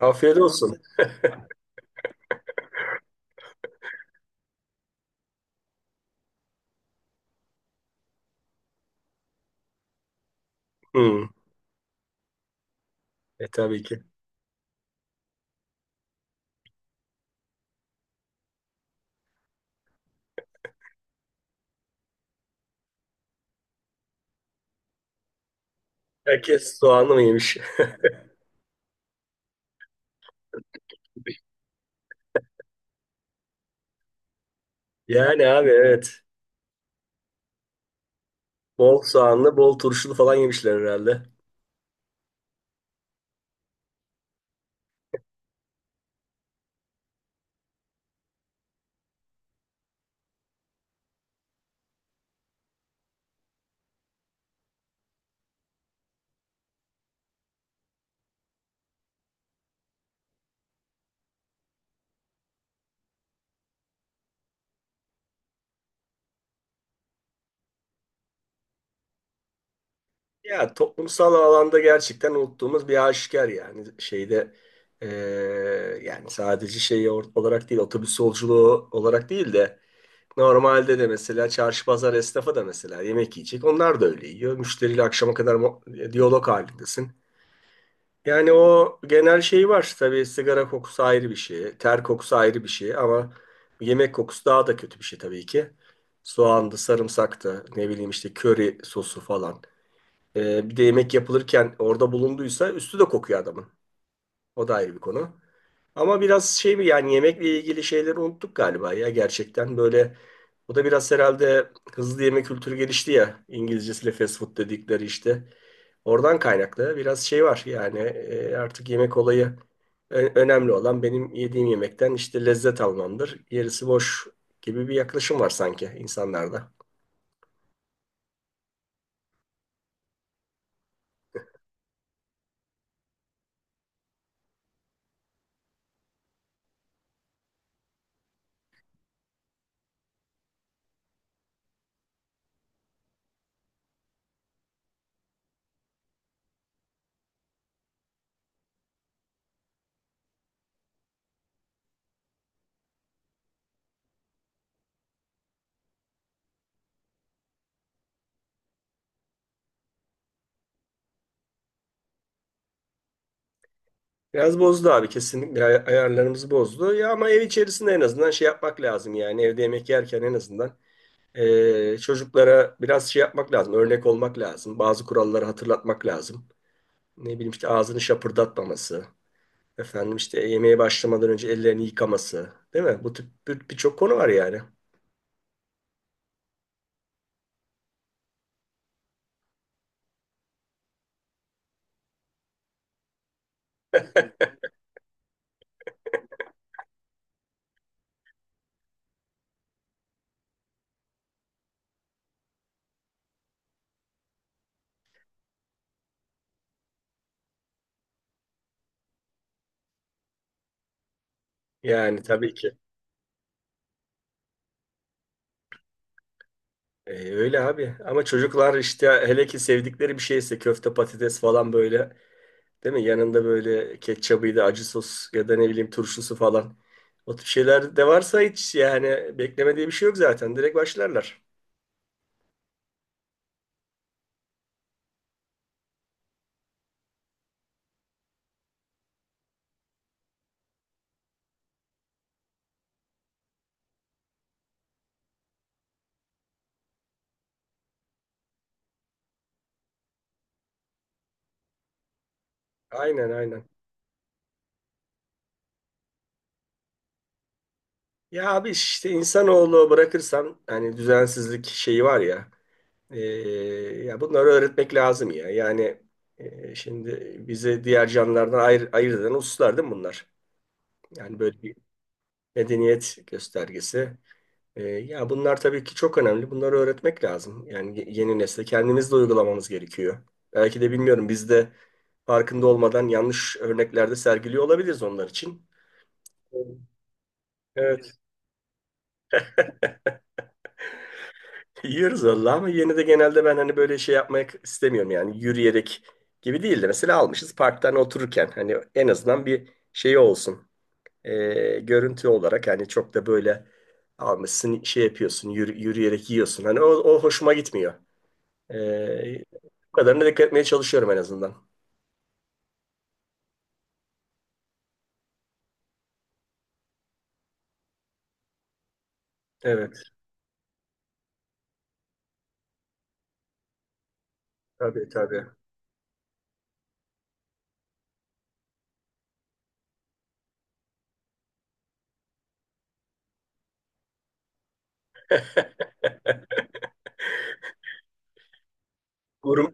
Afiyet olsun. Hmm. E tabii ki. Herkes soğanlı mı yemiş? Yani abi, evet. Bol soğanlı, bol turşulu falan yemişler herhalde. Ya toplumsal alanda gerçekten unuttuğumuz bir aşikar yani. Şeyde eee, yani sadece şey olarak değil, otobüs yolculuğu olarak değil de normalde de mesela çarşı pazar esnafı da mesela yemek yiyecek. Onlar da öyle yiyor. Müşteriyle akşama kadar diyalog halindesin. Yani o genel şey var. Tabii sigara kokusu ayrı bir şey. Ter kokusu ayrı bir şey ama yemek kokusu daha da kötü bir şey tabii ki. Soğandı, sarımsaktı, ne bileyim işte köri sosu falan. Bir de yemek yapılırken orada bulunduysa üstü de kokuyor adamın. O da ayrı bir konu. Ama biraz şey bir yani yemekle ilgili şeyleri unuttuk galiba ya, gerçekten böyle o da biraz herhalde hızlı yeme kültürü gelişti ya, İngilizcesiyle fast food dedikleri işte. Oradan kaynaklı biraz şey var yani, artık yemek olayı önemli olan benim yediğim yemekten işte lezzet almamdır. Gerisi boş gibi bir yaklaşım var sanki insanlarda. Biraz bozdu abi, kesinlikle ayarlarımızı bozdu. Ya ama ev içerisinde en azından şey yapmak lazım, yani evde yemek yerken en azından çocuklara biraz şey yapmak lazım, örnek olmak lazım. Bazı kuralları hatırlatmak lazım. Ne bileyim işte ağzını şapırdatmaması, efendim işte yemeğe başlamadan önce ellerini yıkaması, değil mi? Bu tip birçok konu var yani. Yani tabii ki. Öyle abi. Ama çocuklar işte hele ki sevdikleri bir şeyse köfte patates falan böyle, değil mi? Yanında böyle ketçabıydı, acı sos ya da ne bileyim turşusu falan. O tip şeyler de varsa hiç yani bekleme diye bir şey yok zaten. Direkt başlarlar. Aynen, aynen. Ya abi işte insanoğlu bırakırsan hani düzensizlik şeyi var ya, e, ya bunları öğretmek lazım ya. Yani şimdi bizi diğer canlılardan ayırt eden hususlar değil mi bunlar? Yani böyle bir medeniyet göstergesi. E, ya bunlar tabii ki çok önemli. Bunları öğretmek lazım. Yani yeni nesle kendimiz de uygulamamız gerekiyor. Belki de bilmiyorum biz de farkında olmadan yanlış örneklerde sergiliyor olabiliriz onlar için. Evet. Yiyoruz valla ama yine de genelde ben hani böyle şey yapmak istemiyorum, yani yürüyerek gibi değil de mesela almışız parktan otururken hani en azından bir şey olsun. Görüntü olarak hani çok da böyle almışsın şey yapıyorsun yürüyerek yiyorsun, hani o, o hoşuma gitmiyor. Ee, bu kadarına dikkat etmeye çalışıyorum en azından. Evet, tabii tabii. Gurme,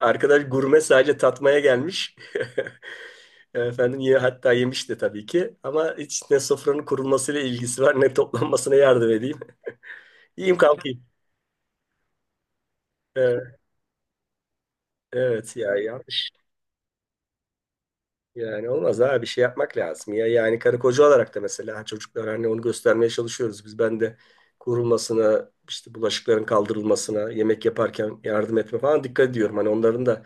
arkadaş gurme sadece tatmaya gelmiş. Efendim ye, hatta yemişti tabii ki. Ama hiç ne sofranın kurulmasıyla ilgisi var ne toplanmasına yardım edeyim. Yiyeyim kalkayım. Evet, evet ya, yanlış. Yani olmaz abi, bir şey yapmak lazım. Ya yani karı koca olarak da mesela çocuklara hani onu göstermeye çalışıyoruz. Ben de kurulmasına, işte bulaşıkların kaldırılmasına, yemek yaparken yardım etme falan dikkat ediyorum. Hani onların da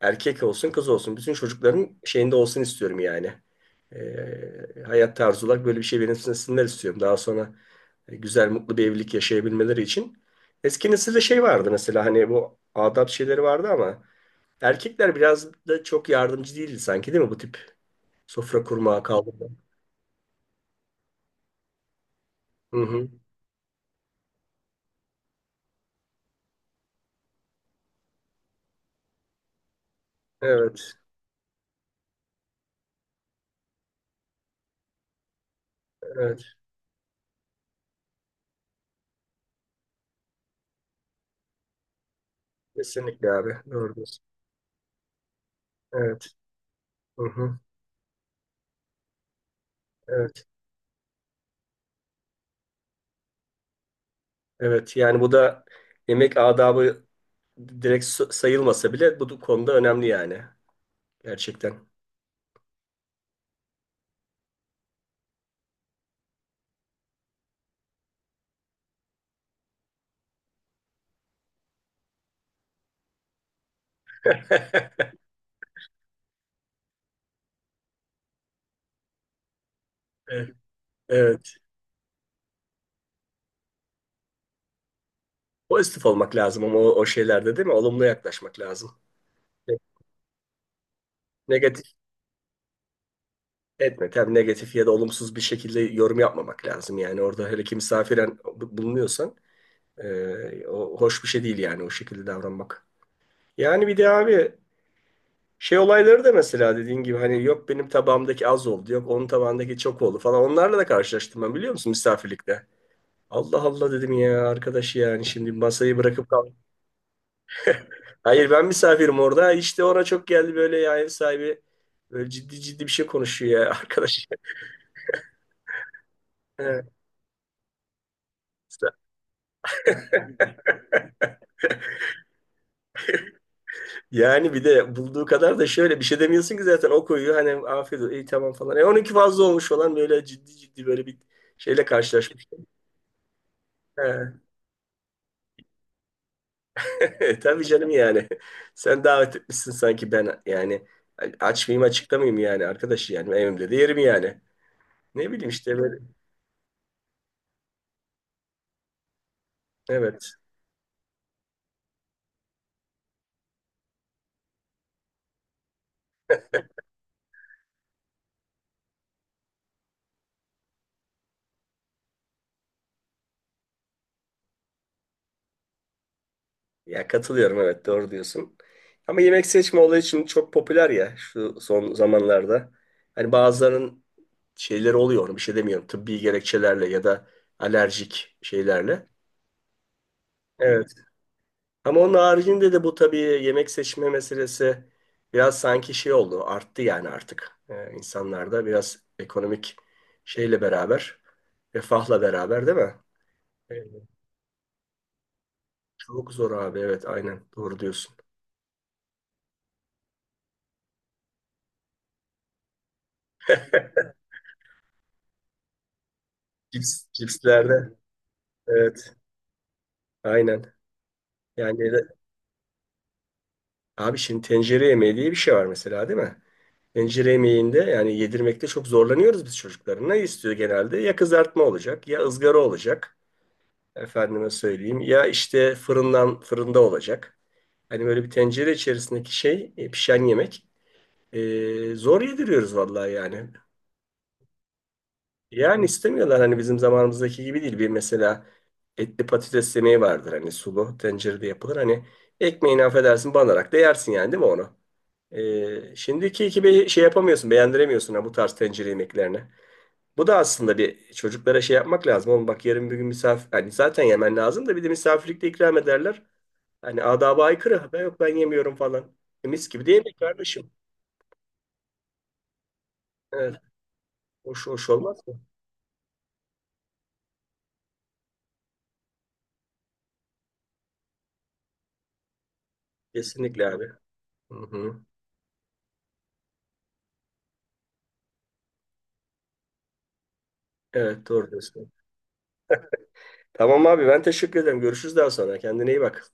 erkek olsun kız olsun bütün çocukların şeyinde olsun istiyorum yani. Hayat tarzı olarak böyle bir şey benimsinler istiyorum. Daha sonra güzel mutlu bir evlilik yaşayabilmeleri için. Eski nesilde şey vardı mesela, hani bu adab şeyleri vardı ama erkekler biraz da çok yardımcı değildi sanki, değil mi? Bu tip sofra kurmağa, kaldırma. Hı hı. Evet, evet. Kesinlikle abi. Doğru diyorsun. Evet. Hı hı. Evet. Evet. Yani bu da yemek adabı direkt sayılmasa bile bu konuda önemli yani. Gerçekten. Evet. Evet. Pozitif olmak lazım ama o, o şeylerde değil mi? Olumlu yaklaşmak lazım. Ne- Negatif etme. Tabii negatif ya da olumsuz bir şekilde yorum yapmamak lazım. Yani orada hele ki misafiren bulunuyorsan o hoş bir şey değil yani o şekilde davranmak. Yani bir de abi şey olayları da mesela dediğin gibi hani yok benim tabağımdaki az oldu, yok onun tabağındaki çok oldu falan. Onlarla da karşılaştım ben, biliyor musun, misafirlikte. Allah Allah dedim ya arkadaş, yani şimdi masayı bırakıp kal. Hayır, ben misafirim orada. İşte ona çok geldi böyle ya, ev sahibi böyle ciddi ciddi bir şey konuşuyor ya, arkadaş. Evet. Yani bir de bulduğu kadar da şöyle bir şey demiyorsun ki zaten, o koyuyor hani afiyet olsun iyi tamam falan. 12 fazla olmuş falan, böyle ciddi ciddi böyle bir şeyle karşılaşmış. Tabii canım yani. Sen davet etmişsin sanki ben yani, aç mıyım açıkta mıyım yani arkadaş, yani evimde de yerim yani. Ne bileyim işte, böyle. Evet. Ya katılıyorum, evet doğru diyorsun. Ama yemek seçme olayı şimdi çok popüler ya şu son zamanlarda. Hani bazılarının şeyleri oluyor, onu bir şey demiyorum. Tıbbi gerekçelerle ya da alerjik şeylerle. Evet. Ama onun haricinde de bu tabii yemek seçme meselesi biraz sanki şey oldu. Arttı yani artık. İnsanlarda biraz ekonomik şeyle beraber, refahla beraber, değil mi? Evet, çok zor abi. Evet aynen. Doğru diyorsun. Cips, cipslerde. Evet. Aynen. Yani de- Abi şimdi tencere yemeği diye bir şey var mesela, değil mi? Tencere yemeğinde yani yedirmekte çok zorlanıyoruz biz çocukların. Ne istiyor genelde? Ya kızartma olacak ya ızgara olacak. Efendime söyleyeyim. Ya işte fırında olacak. Hani böyle bir tencere içerisindeki şey, pişen yemek. E, zor yediriyoruz vallahi yani. Yani istemiyorlar, hani bizim zamanımızdaki gibi değil. Bir mesela etli patates yemeği vardır, hani sulu tencerede yapılır. Hani ekmeğini affedersin banarak da yersin yani, değil mi onu? E, şimdiki gibi şey yapamıyorsun beğendiremiyorsun ha bu tarz tencere yemeklerini. Bu da aslında bir çocuklara şey yapmak lazım. Oğlum bak yarın bir gün misafir... Hani zaten yemen lazım da bir de misafirlikte ikram ederler. Hani adaba aykırı. Ha, ben yok ben yemiyorum falan. E, mis gibi de yemek kardeşim. Evet. Hoş, hoş olmaz mı? Kesinlikle abi. Hı hı. Evet doğru diyorsun. Tamam abi, ben teşekkür ederim. Görüşürüz daha sonra. Kendine iyi bak.